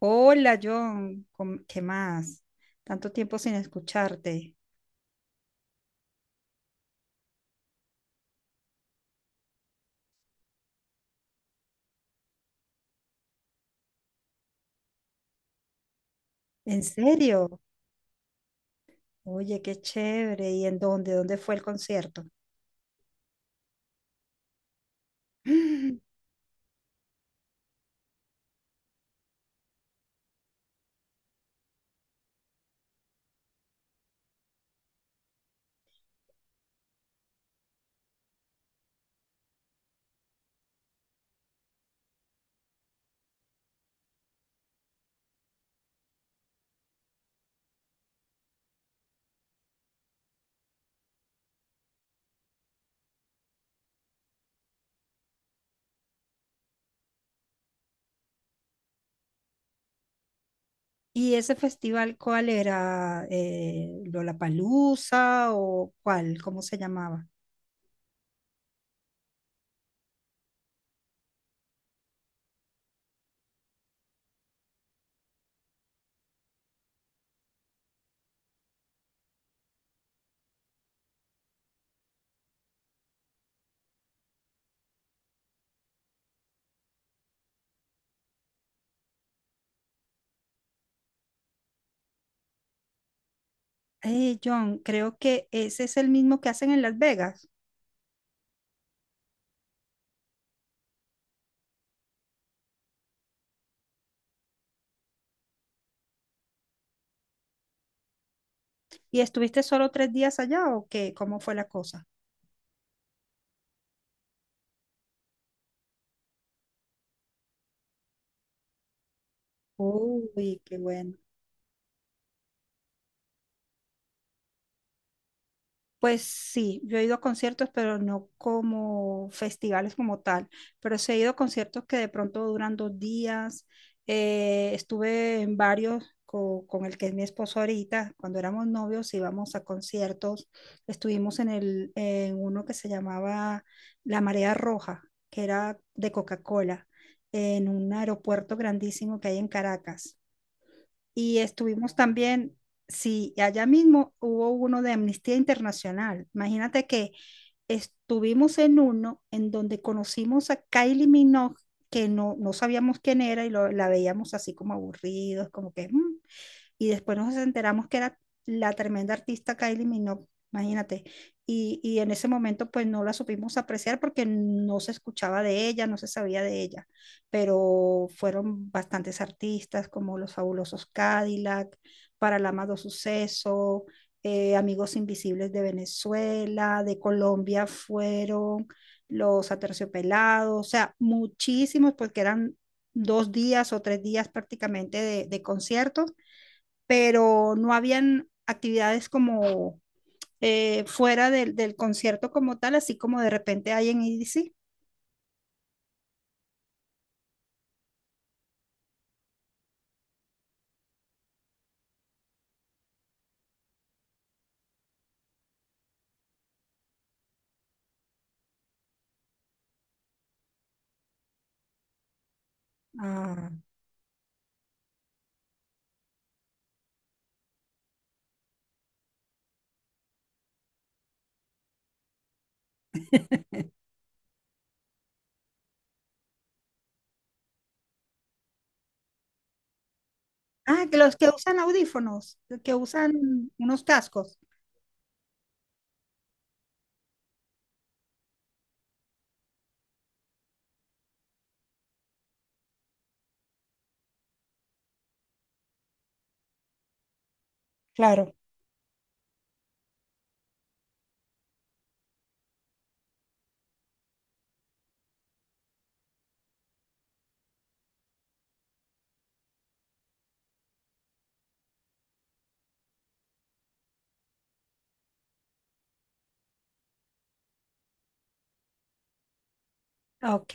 Hola, John, ¿qué más? Tanto tiempo sin escucharte. ¿En serio? Oye, qué chévere. ¿Y en dónde? ¿Dónde fue el concierto? ¿Y ese festival cuál era? ¿Lollapalooza o cuál? ¿Cómo se llamaba? John, creo que ese es el mismo que hacen en Las Vegas. ¿Y estuviste solo 3 días allá o qué? ¿Cómo fue la cosa? Uy, qué bueno. Pues sí, yo he ido a conciertos, pero no como festivales como tal, pero sí he ido a conciertos que de pronto duran 2 días. Estuve en varios el que es mi esposo ahorita, cuando éramos novios íbamos a conciertos. Estuvimos en uno que se llamaba La Marea Roja, que era de Coca-Cola, en un aeropuerto grandísimo que hay en Caracas. Y estuvimos también, sí, allá mismo hubo uno de Amnistía Internacional. Imagínate que estuvimos en uno en donde conocimos a Kylie Minogue, que no sabíamos quién era y la veíamos así como aburridos, como que "Mm", y después nos enteramos que era la tremenda artista Kylie Minogue, imagínate. Y en ese momento pues no la supimos apreciar porque no se escuchaba de ella, no se sabía de ella, pero fueron bastantes artistas como los fabulosos Cadillac, Paralamado Suceso, Amigos Invisibles de Venezuela, de Colombia fueron los aterciopelados, o sea, muchísimos porque eran 2 días o 3 días prácticamente de conciertos, pero no habían actividades como fuera del concierto como tal, así como de repente hay en EDC. Ah, ah, que los que usan audífonos, que usan unos cascos. Claro. Ok,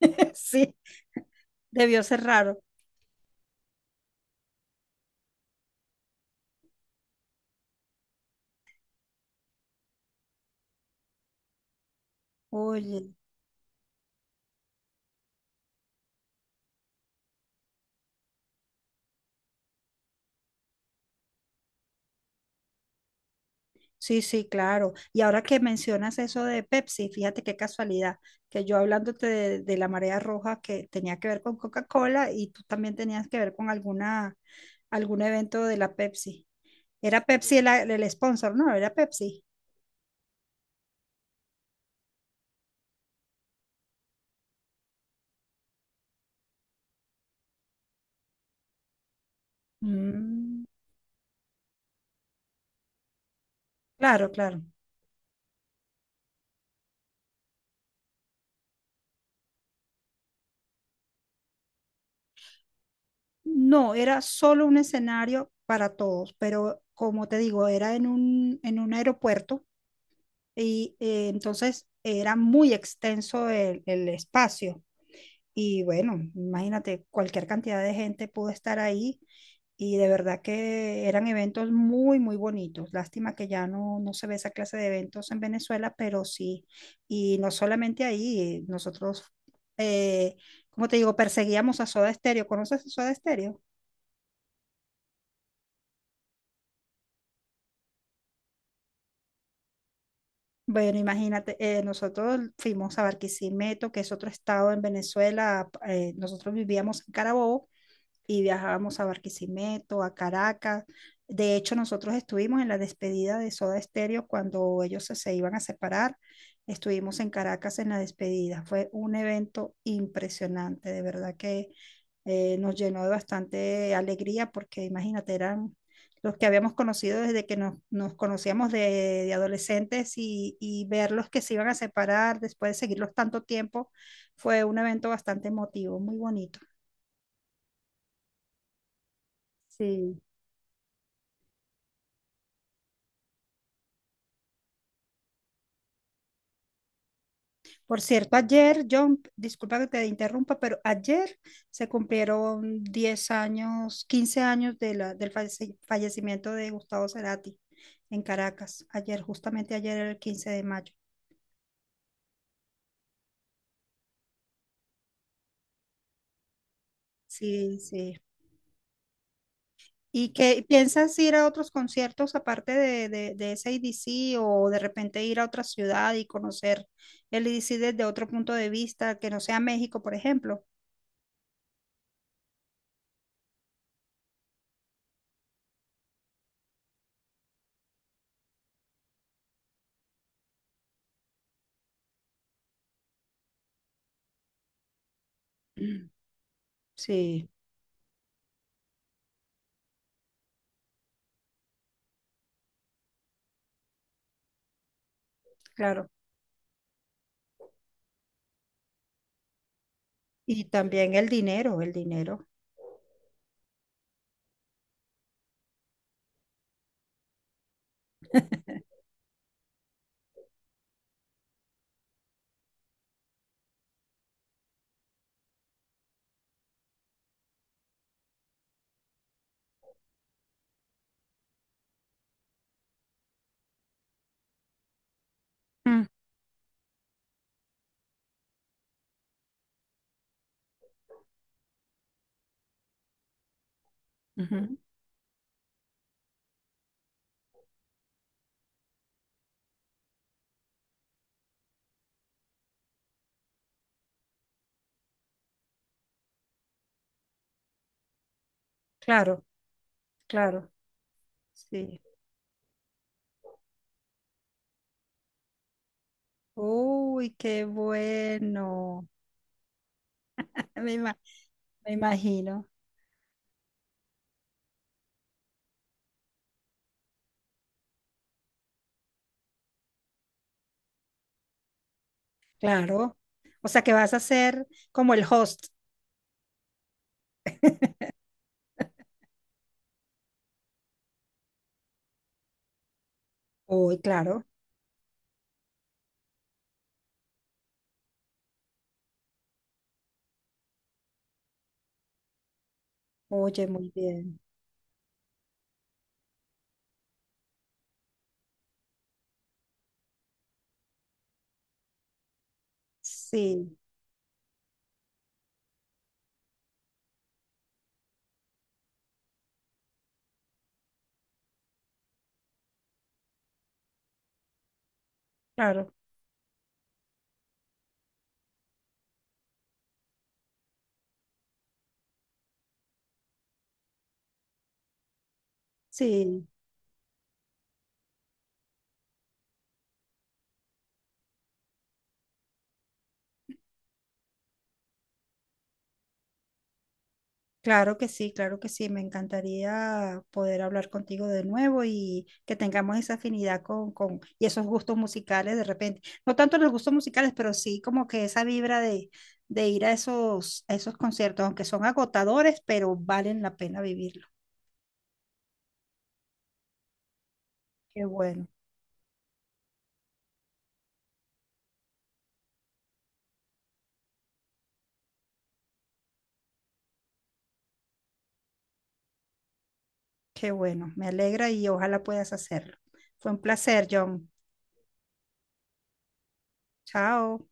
sí, debió ser raro. Oye, sí, sí, claro. Y ahora que mencionas eso de Pepsi, fíjate qué casualidad, que yo hablándote de la marea roja que tenía que ver con Coca-Cola y tú también tenías que ver con algún evento de la Pepsi. Era Pepsi el sponsor, ¿no? Era Pepsi. Mm. Claro, claro. No, era solo un escenario para todos, pero como te digo, era en un aeropuerto y entonces era muy extenso el espacio. Y bueno, imagínate, cualquier cantidad de gente pudo estar ahí y de verdad que eran eventos muy, muy bonitos. Lástima que ya no se ve esa clase de eventos en Venezuela, pero sí. Y no solamente ahí, nosotros, eh, como te digo, perseguíamos a Soda Stereo. ¿Conoces a Soda Stereo? Bueno, imagínate, nosotros fuimos a Barquisimeto, que es otro estado en Venezuela. Nosotros vivíamos en Carabobo y viajábamos a Barquisimeto, a Caracas. De hecho, nosotros estuvimos en la despedida de Soda Stereo cuando ellos se iban a separar. Estuvimos en Caracas en la despedida. Fue un evento impresionante, de verdad que nos llenó de bastante alegría porque imagínate, eran los que habíamos conocido desde que nos conocíamos de adolescentes y verlos que se iban a separar después de seguirlos tanto tiempo, fue un evento bastante emotivo, muy bonito. Sí. Por cierto, ayer, John, disculpa que te interrumpa, pero ayer se cumplieron 10 años, 15 años del fallecimiento de Gustavo Cerati en Caracas. Ayer, justamente ayer, el 15 de mayo. Sí, sí. ¿Y qué piensas ir a otros conciertos aparte de ese IDC o de repente ir a otra ciudad y conocer el IDC desde otro punto de vista, que no sea México, por ejemplo? Mm, sí, claro. Y también el dinero, el dinero. Ujú, claro, claro, sí. Uy, qué bueno. Me, ima- me imagino, claro. O sea que vas a ser como el host. Uy, claro. Oye, muy bien. Sí, claro, sí. Claro que sí, claro que sí. Me encantaría poder hablar contigo de nuevo y que tengamos esa afinidad con y esos gustos musicales de repente. No tanto los gustos musicales, pero sí como que esa vibra de ir a esos conciertos, aunque son agotadores, pero valen la pena vivirlo. Qué bueno, qué bueno. Me alegra y ojalá puedas hacerlo. Fue un placer, John. Chao.